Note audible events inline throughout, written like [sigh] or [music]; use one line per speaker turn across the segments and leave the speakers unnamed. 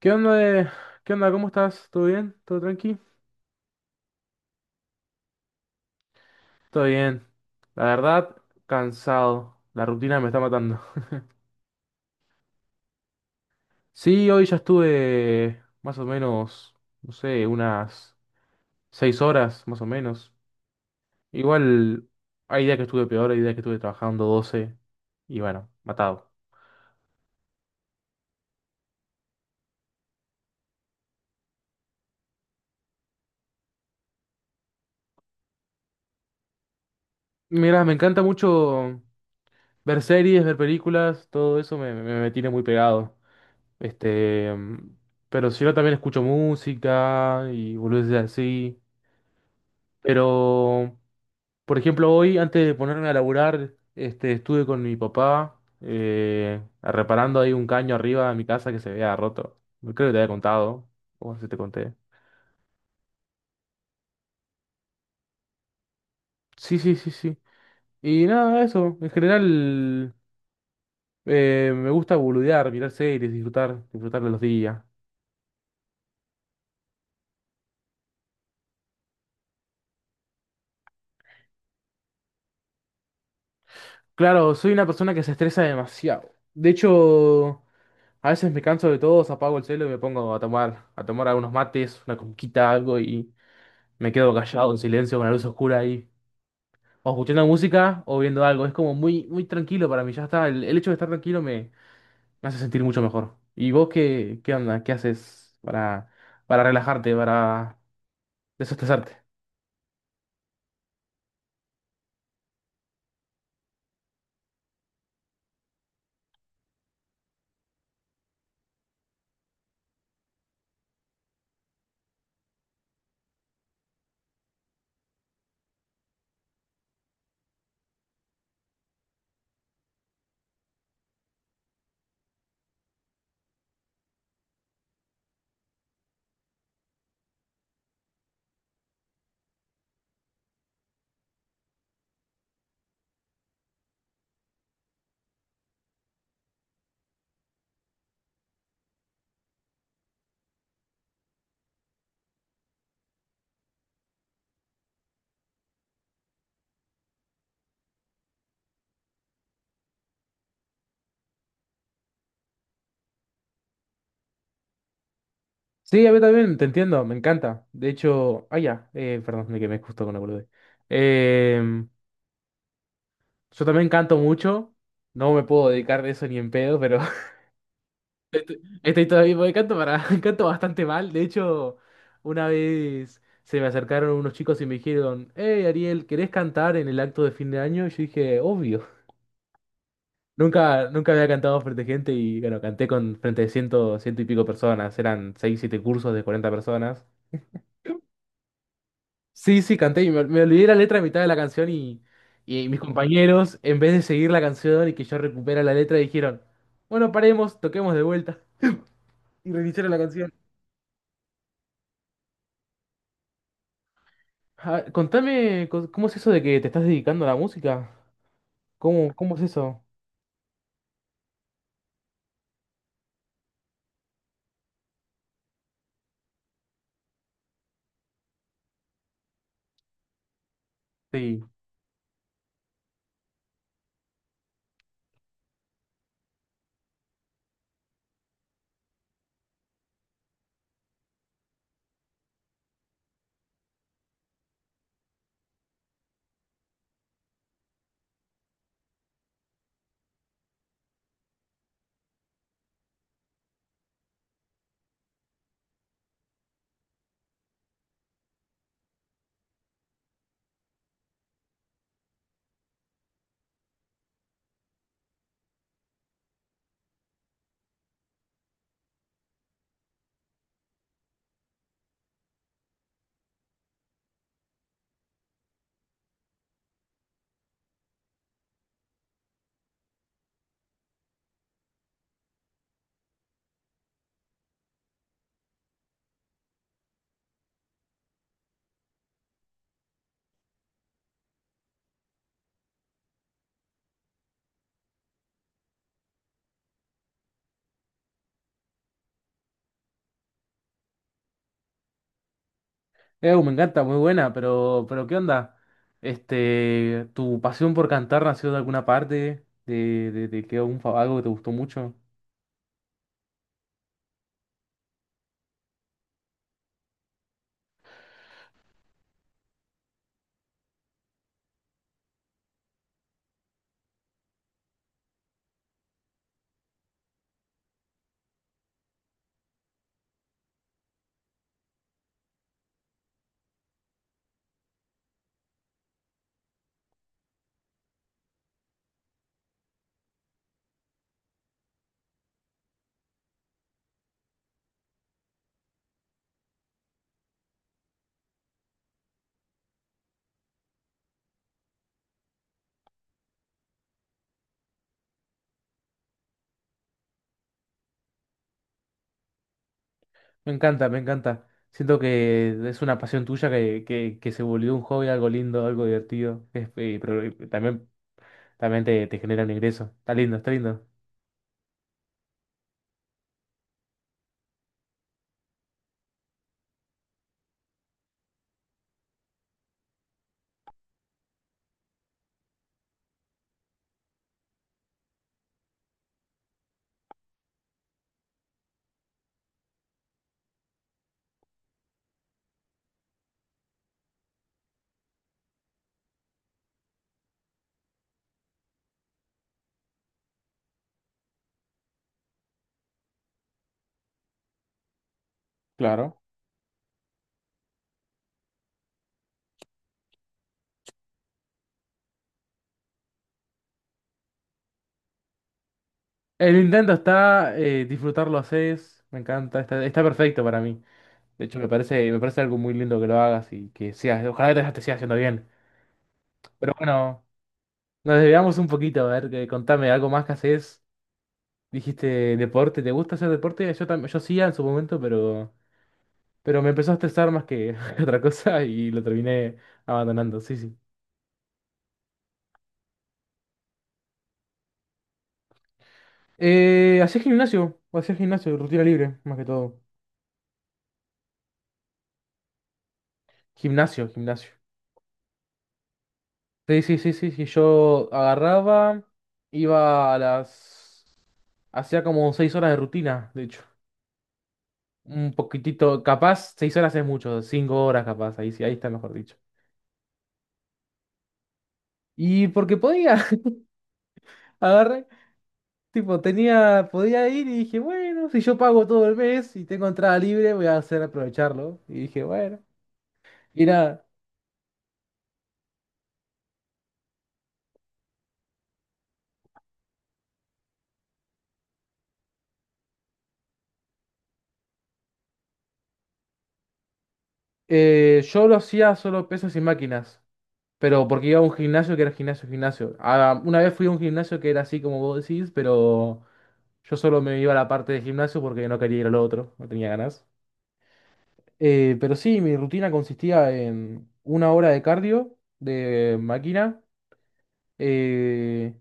¿Qué onda, eh? ¿Qué onda? ¿Cómo estás? ¿Todo bien? ¿Todo tranqui? Todo bien. La verdad, cansado. La rutina me está matando. Sí, hoy ya estuve más o menos, no sé, unas 6 horas, más o menos. Igual, hay días que estuve peor, hay días que estuve trabajando 12 y bueno, matado. Mirá, me encanta mucho ver series, ver películas, todo eso me tiene muy pegado. Este, pero si no, también escucho música y boludeces así. Pero, por ejemplo, hoy, antes de ponerme a laburar, este, estuve con mi papá reparando ahí un caño arriba de mi casa que se había roto. Creo que te había contado, o no sé si te conté. Sí, sí, sí, sí. Y nada, eso. En general, me gusta boludear, mirar series, disfrutar, disfrutar de los días. Claro, soy una persona que se estresa demasiado. De hecho, a veces me canso de todo, apago el celo y me pongo a tomar, algunos mates, una conquita, algo y me quedo callado en silencio con la luz oscura ahí. O escuchando música o viendo algo. Es como muy, muy tranquilo para mí. Ya está. El hecho de estar tranquilo me hace sentir mucho mejor. ¿Y vos qué onda? ¿Qué haces para relajarte, para desestresarte? Sí, a mí también, te entiendo, me encanta. De hecho, ya, perdón, me quemé justo con la boludez. Eh, yo también canto mucho. No me puedo dedicar de eso ni en pedo, pero estoy todavía porque [laughs] canto bastante mal. De hecho, una vez se me acercaron unos chicos y me dijeron: "Hey, Ariel, ¿querés cantar en el acto de fin de año?". Y yo dije: "Obvio". [laughs] Nunca, nunca había cantado frente a gente y bueno, canté con frente de ciento y pico personas. Eran seis, siete cursos de 40 personas. Sí, sí, canté y me olvidé la letra a mitad de la canción, y mis compañeros, en vez de seguir la canción y que yo recupera la letra, dijeron: "Bueno, paremos, toquemos de vuelta". Y reiniciaron la canción. Ah, contame, ¿cómo es eso de que te estás dedicando a la música? ¿Cómo es eso? Sí. Me encanta, muy buena, pero ¿qué onda? Este, ¿tu pasión por cantar nació de alguna parte? ¿De que algún algo que te gustó mucho? Me encanta, me encanta. Siento que es una pasión tuya que se volvió un hobby, algo lindo, algo divertido. Pero también te genera un ingreso. Está lindo, está lindo. Claro. El intento está, disfrutarlo haces, me encanta, está perfecto para mí. De hecho, me parece algo muy lindo que lo hagas y que seas, ojalá que te siga haciendo bien. Pero bueno, nos desviamos un poquito. A ver, que, contame algo más que haces. Dijiste deporte, ¿te gusta hacer deporte? Yo también, yo sí en su momento, pero me empezó a estresar más que [laughs] que otra cosa y lo terminé abandonando, sí, sí. ¿Hacés gimnasio? ¿Hacía gimnasio? Rutina libre, más que todo. Gimnasio, gimnasio. Sí, sí, sí, sí, sí. Yo agarraba, iba a las... Hacía como 6 horas de rutina, de hecho. Un poquitito, capaz, 6 horas es mucho, 5 horas capaz, ahí sí, ahí está mejor dicho. Y porque podía, [laughs] agarré, tipo, tenía, podía ir y dije, bueno, si yo pago todo el mes y tengo entrada libre, voy a hacer aprovecharlo. Y dije, bueno. Y nada, yo lo hacía solo pesos y máquinas, pero porque iba a un gimnasio que era gimnasio, gimnasio. Ah, una vez fui a un gimnasio que era así como vos decís, pero yo solo me iba a la parte de gimnasio porque no quería ir al otro, no tenía ganas. Pero sí, mi rutina consistía en 1 hora de cardio de máquina eh,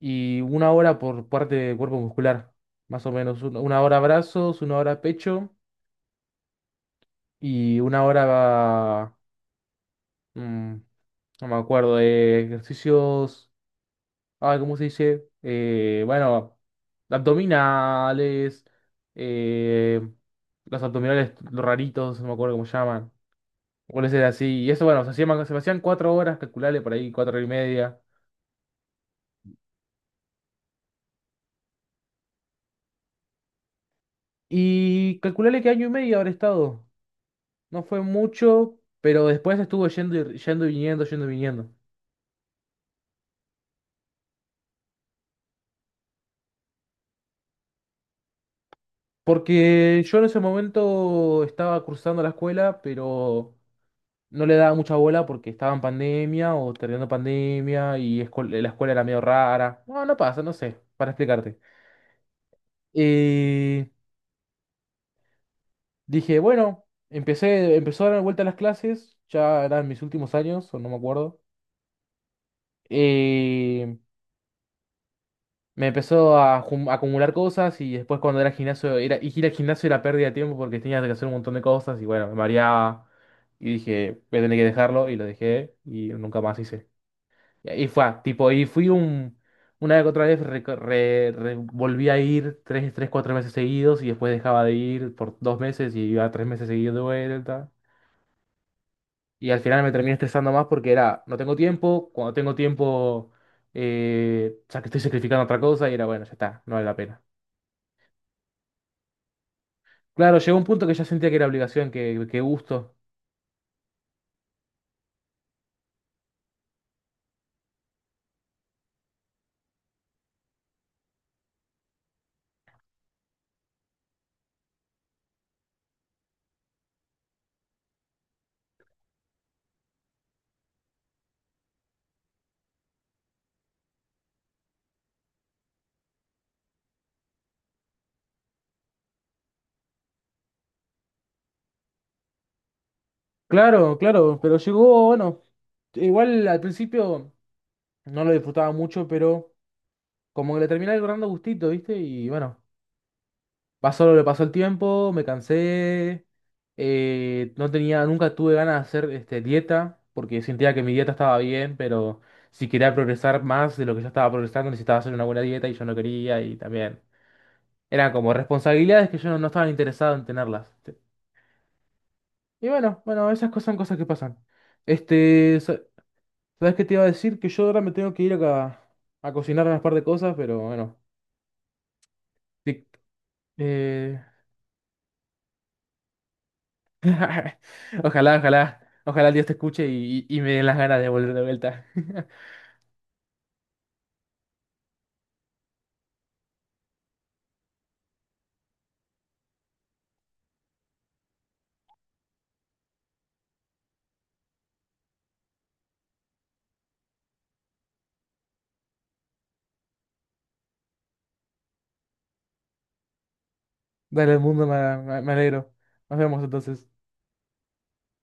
y 1 hora por parte de cuerpo muscular, más o menos. 1 hora brazos, 1 hora pecho y 1 hora, mm, no me acuerdo, de ejercicios. ¿cómo se dice? Bueno, abdominales, eh, los abdominales raritos, no me acuerdo cómo se llaman. Suele ser así. Y eso, bueno, se hacían 4 horas, calcularle por ahí, cuatro y media. Y calcularle que año y medio habré estado. No fue mucho, pero después estuvo yendo y, yendo y viniendo, yendo y viniendo. Porque yo en ese momento estaba cursando la escuela, pero no le daba mucha bola porque estaba en pandemia o terminando pandemia y la escuela era medio rara. No, no pasa, no sé, para explicarte. Eh, Dije, bueno, empezó a dar vuelta a las clases, ya eran mis últimos años, o no me acuerdo. Eh, Me empezó a acumular cosas, y después cuando era al gimnasio, y ir al gimnasio era pérdida de tiempo porque tenía que hacer un montón de cosas y bueno, me mareaba. Y dije: "Voy a tener que dejarlo", y lo dejé y nunca más hice. Y ahí fue, tipo, y fui un... Una vez que otra vez volví a ir tres, tres, cuatro meses seguidos, y después dejaba de ir por 2 meses y iba 3 meses seguidos de vuelta. Y al final me terminé estresando más porque era, no tengo tiempo, cuando tengo tiempo, ya que estoy sacrificando otra cosa, y era, bueno, ya está, no vale la pena. Claro, llegó un punto que ya sentía que era obligación, que gusto. Claro, claro, pero llegó, bueno, igual al principio no lo disfrutaba mucho, pero como que le terminé agarrando gustito, ¿viste? Y bueno. Pasó lo que pasó el tiempo, me cansé, no tenía, nunca tuve ganas de hacer este, dieta, porque sentía que mi dieta estaba bien, pero si quería progresar más de lo que yo estaba progresando, necesitaba hacer una buena dieta y yo no quería, y también eran como responsabilidades que yo no, no estaba interesado en tenerlas. ¿Sí? Y bueno, bueno, esas cosas son cosas que pasan. Este, ¿sabes qué te iba a decir? Que yo ahora me tengo que ir acá a cocinar unas par de cosas, pero bueno, sí, eh, [laughs] ojalá, ojalá, ojalá Dios te escuche y, me den las ganas de volver de vuelta. [laughs] Dale al mundo, me alegro. Nos vemos entonces.